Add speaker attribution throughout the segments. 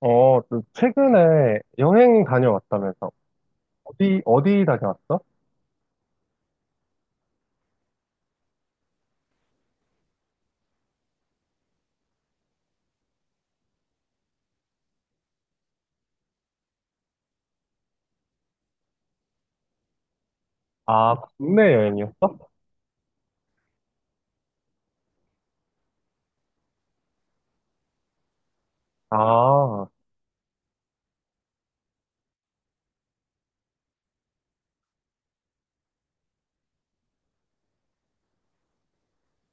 Speaker 1: 또 최근에 여행 다녀왔다면서? 어디 다녀왔어? 아, 국내 여행이었어? 아,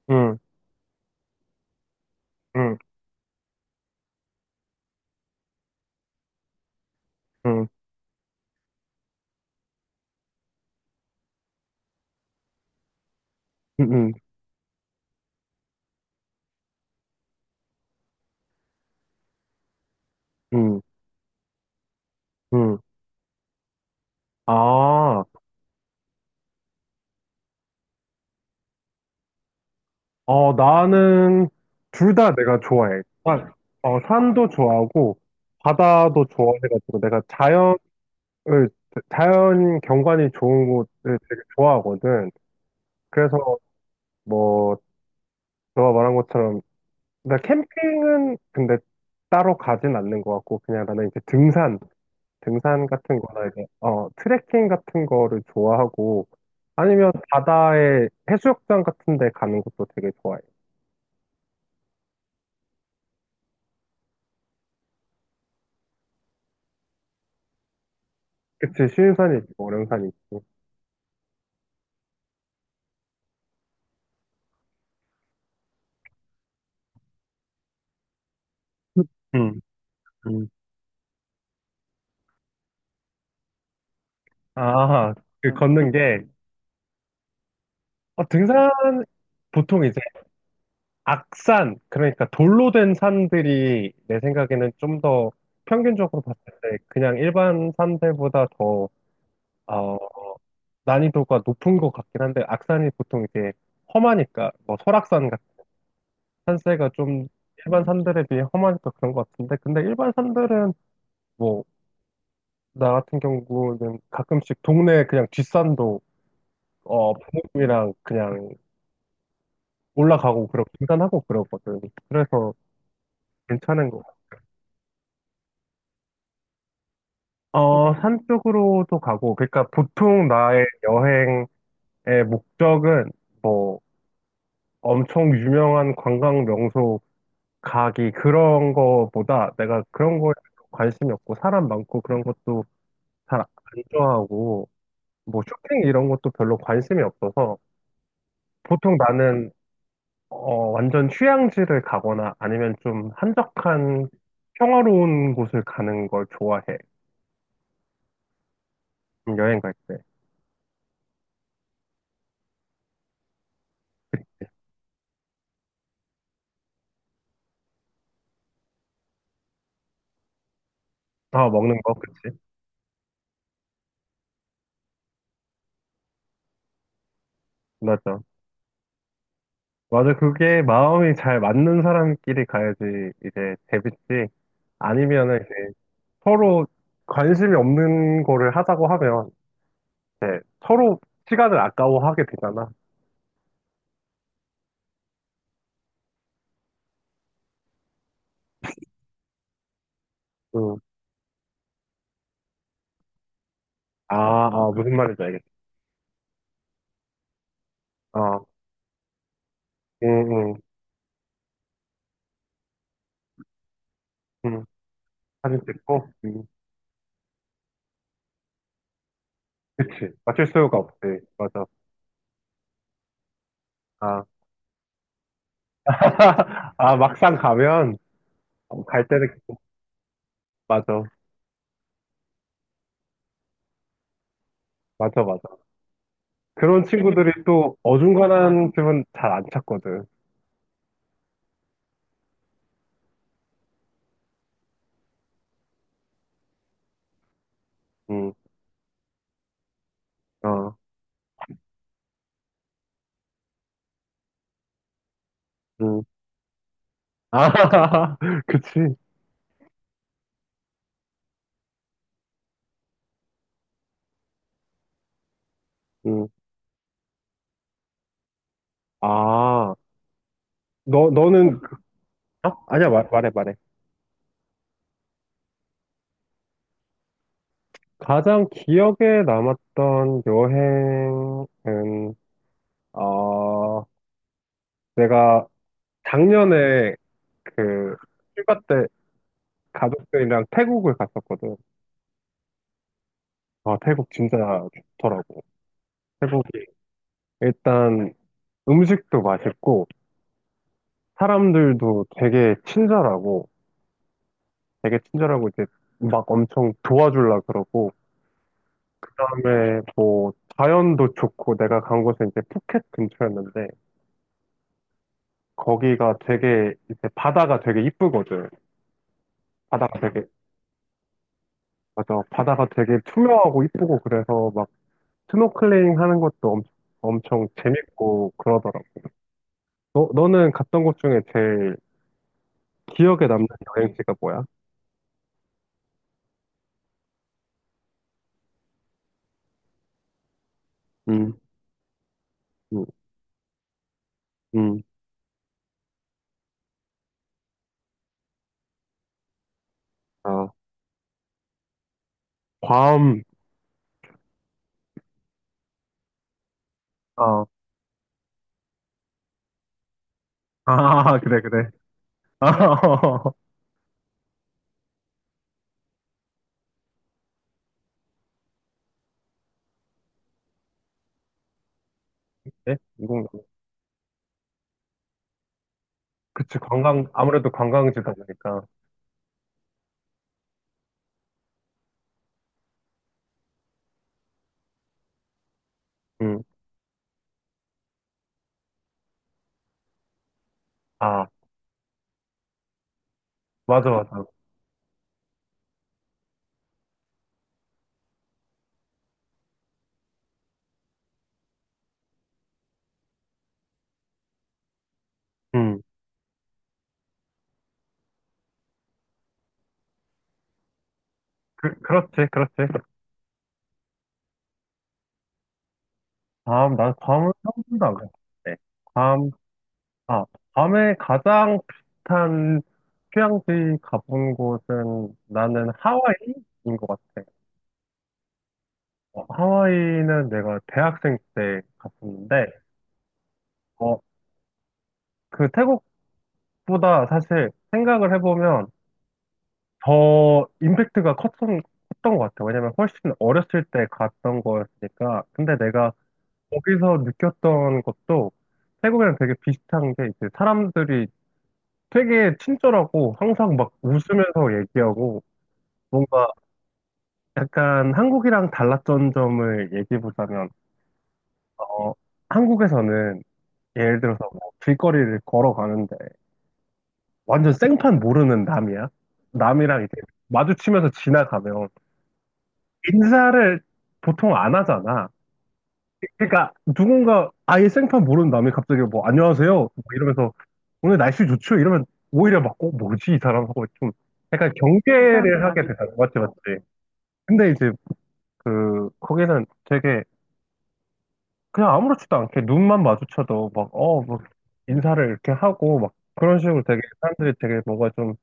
Speaker 1: 응, 응, 응, 응, 응, 응, 응. 아, 나는 둘 다 내가 좋아해. 산도 좋아하고, 바다도 좋아해가지고, 자연 경관이 좋은 곳을 되게 좋아하거든. 그래서, 뭐, 너가 말한 것처럼 그러니까 캠핑은 근데 따로 가진 않는 것 같고 그냥 나는 이제 등산 같은 거나 이제 트레킹 같은 거를 좋아하고, 아니면 바다에 해수욕장 같은 데 가는 것도 되게 좋아해. 그치, 쉬운 산이 있고 어려운 산이 있고. 음, 음. 아, 그 걷는 게, 등산 보통 이제 악산 그러니까 돌로 된 산들이 내 생각에는 좀 더 평균적으로 봤을 때 그냥 일반 산들보다 더 난이도가 높은 것 같긴 한데, 악산이 보통 이제 험하니까 뭐 설악산 같은 산세가 좀 일반 산들에 비해 험하니까 그런 것 같은데, 근데 일반 산들은 뭐 나 같은 경우는 가끔씩 동네 그냥 뒷산도 부모님이랑 그냥 올라가고 그러고 등산하고 그러거든. 그래서 괜찮은 거. 산 쪽으로도 가고 그러니까 보통 나의 여행의 목적은 뭐 엄청 유명한 관광 명소 가기 그런 거보다 내가 그런 거에 관심이 없고 사람 많고 그런 것도 잘 안 좋아하고 뭐 쇼핑 이런 것도 별로 관심이 없어서 보통 나는 완전 휴양지를 가거나 아니면 좀 한적한 평화로운 곳을 가는 걸 좋아해. 여행 갈 때. 아, 먹는 거, 그치? 맞아. 맞아. 그게 마음이 잘 맞는 사람끼리 가야지 이제 재밌지. 아니면은 이제 서로 관심이 없는 거를 하자고 하면, 네, 서로 시간을 아까워하게 되잖아. 응. 아, 아, 무슨 말인지 알겠어. 응, 응, 응. 사진 찍고, 응. 그치. 맞출 수가 없지. 맞아. 아, 아, 막상 가면, 갈 때는, 맞아. 맞아, 맞아. 그런 친구들이 또 어중간한 집은 잘 안 찾거든. 응, 어, 응. 아, 그치. 응. 아, 너, 너는, 그- 어? 아니야, 말해, 말해. 가장 기억에 남았던 여행은, 어, 내가 작년에 그 휴가 때 가족들이랑 태국을 갔었거든. 아, 태국 진짜 좋더라고. 태국이 일단 음식도 맛있고, 사람들도 되게 친절하고 이제 막 엄청 도와줄라 그러고, 그다음에 뭐 자연도 좋고, 내가 간 곳은 이제 푸켓 근처였는데, 거기가 되게 이제 바다가 되게 이쁘거든. 바다가 되게, 맞아. 바다가 되게 투명하고 이쁘고 그래서 막 스노클링 하는 것도 엄청 재밌고 그러더라고. 너는 갔던 곳 중에 제일 기억에 남는 여행지가 뭐야? 음, 음, 음, 아, 괌, 어. 아, 아, 그래, 그래. 아, 네? 이공. 그치, 관광, 아무래도 관광지다 보니까. 음, 아, 맞아, 맞아. 음, 그렇지, 그렇지. 괌, 난 괌은 한 번도 안 가봤네. 아, 밤에 가장 비슷한 휴양지 가본 곳은 나는 하와이인 것 같아. 하와이는 내가 대학생 때 갔었는데, 어, 그 태국보다 사실 생각을 해보면 더 임팩트가 컸던 것 같아. 왜냐면 훨씬 어렸을 때 갔던 거였으니까. 근데 내가 거기서 느꼈던 것도 태국이랑 되게 비슷한 게 이제 사람들이 되게 친절하고 항상 막 웃으면서 얘기하고 뭔가 약간 한국이랑 달랐던 점을 얘기해 보자면, 어, 한국에서는 예를 들어서 뭐 길거리를 걸어가는데 완전 생판 모르는 남이야. 남이랑 이제 마주치면서 지나가면 인사를 보통 안 하잖아. 그러니까 누군가 아예 생판 모르는 남이 갑자기 뭐 안녕하세요 뭐 이러면서 오늘 날씨 좋죠 이러면 오히려 막 어, 뭐지 이 사람 하고 좀 약간 경계를 하게 되잖아. 느 맞지, 맞지. 근데 이제 그 거기는 되게 그냥 아무렇지도 않게 눈만 마주쳐도 막, 막 인사를 이렇게 하고 막 그런 식으로 되게 사람들이 되게 뭐가 좀,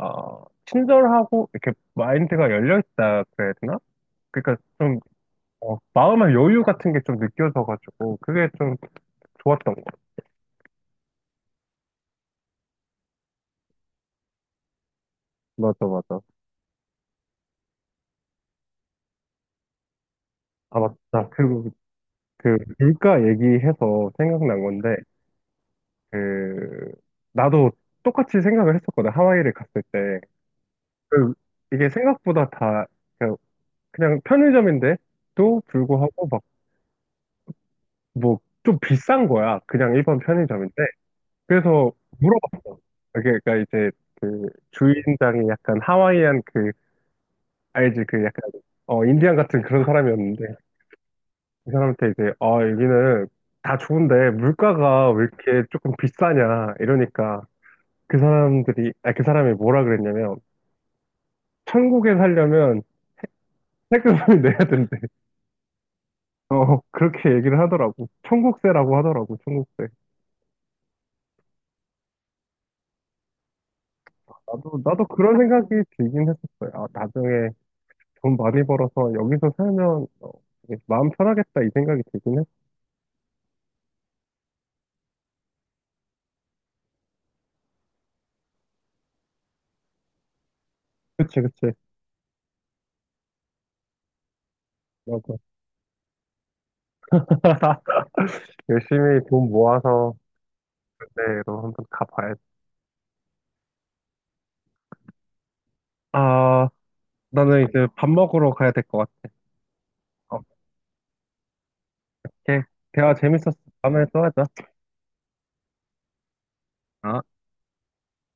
Speaker 1: 친절하고 이렇게 마인드가 열려있다 그래야 되나? 그러니까 좀, 마음의 여유 같은 게 좀 느껴져가지고 그게 좀 좋았던 거. 맞아, 맞아. 아, 맞다. 그리고 그 물가 얘기해서 생각난 건데, 그, 나도 똑같이 생각을 했었거든. 하와이를 갔을 때. 그, 이게 생각보다 다 그 그냥 편의점인데도 불구하고 막 뭐 좀 비싼 거야. 그냥 일반 편의점인데. 그래서 물어봤어. 그게 그러니까 이제 그 주인장이 약간 하와이안 그 알지 그 약간 인디안 같은 그런 사람이었는데 이 사람한테 이제 아 여기는 다 좋은데 물가가 왜 이렇게 조금 비싸냐 이러니까 그 사람들이 아 그 사람이 뭐라 그랬냐면 천국에 살려면 세금을 내야 된대. 그렇게 얘기를 하더라고. 천국세라고 하더라고. 천국세. 나도 그런 생각이 들긴 했었어요. 아, 나중에 돈 많이 벌어서 여기서 살면 되게 마음 편하겠다 이 생각이 들긴 했어. 그치, 그치. 맞아. 열심히 돈 모아서 그때로 한번 가봐야지. 아, 나는 이제 밥 먹으러 가야 될 것 같아. 오케이. 대화 재밌었어. 다음에 또 하자. 아.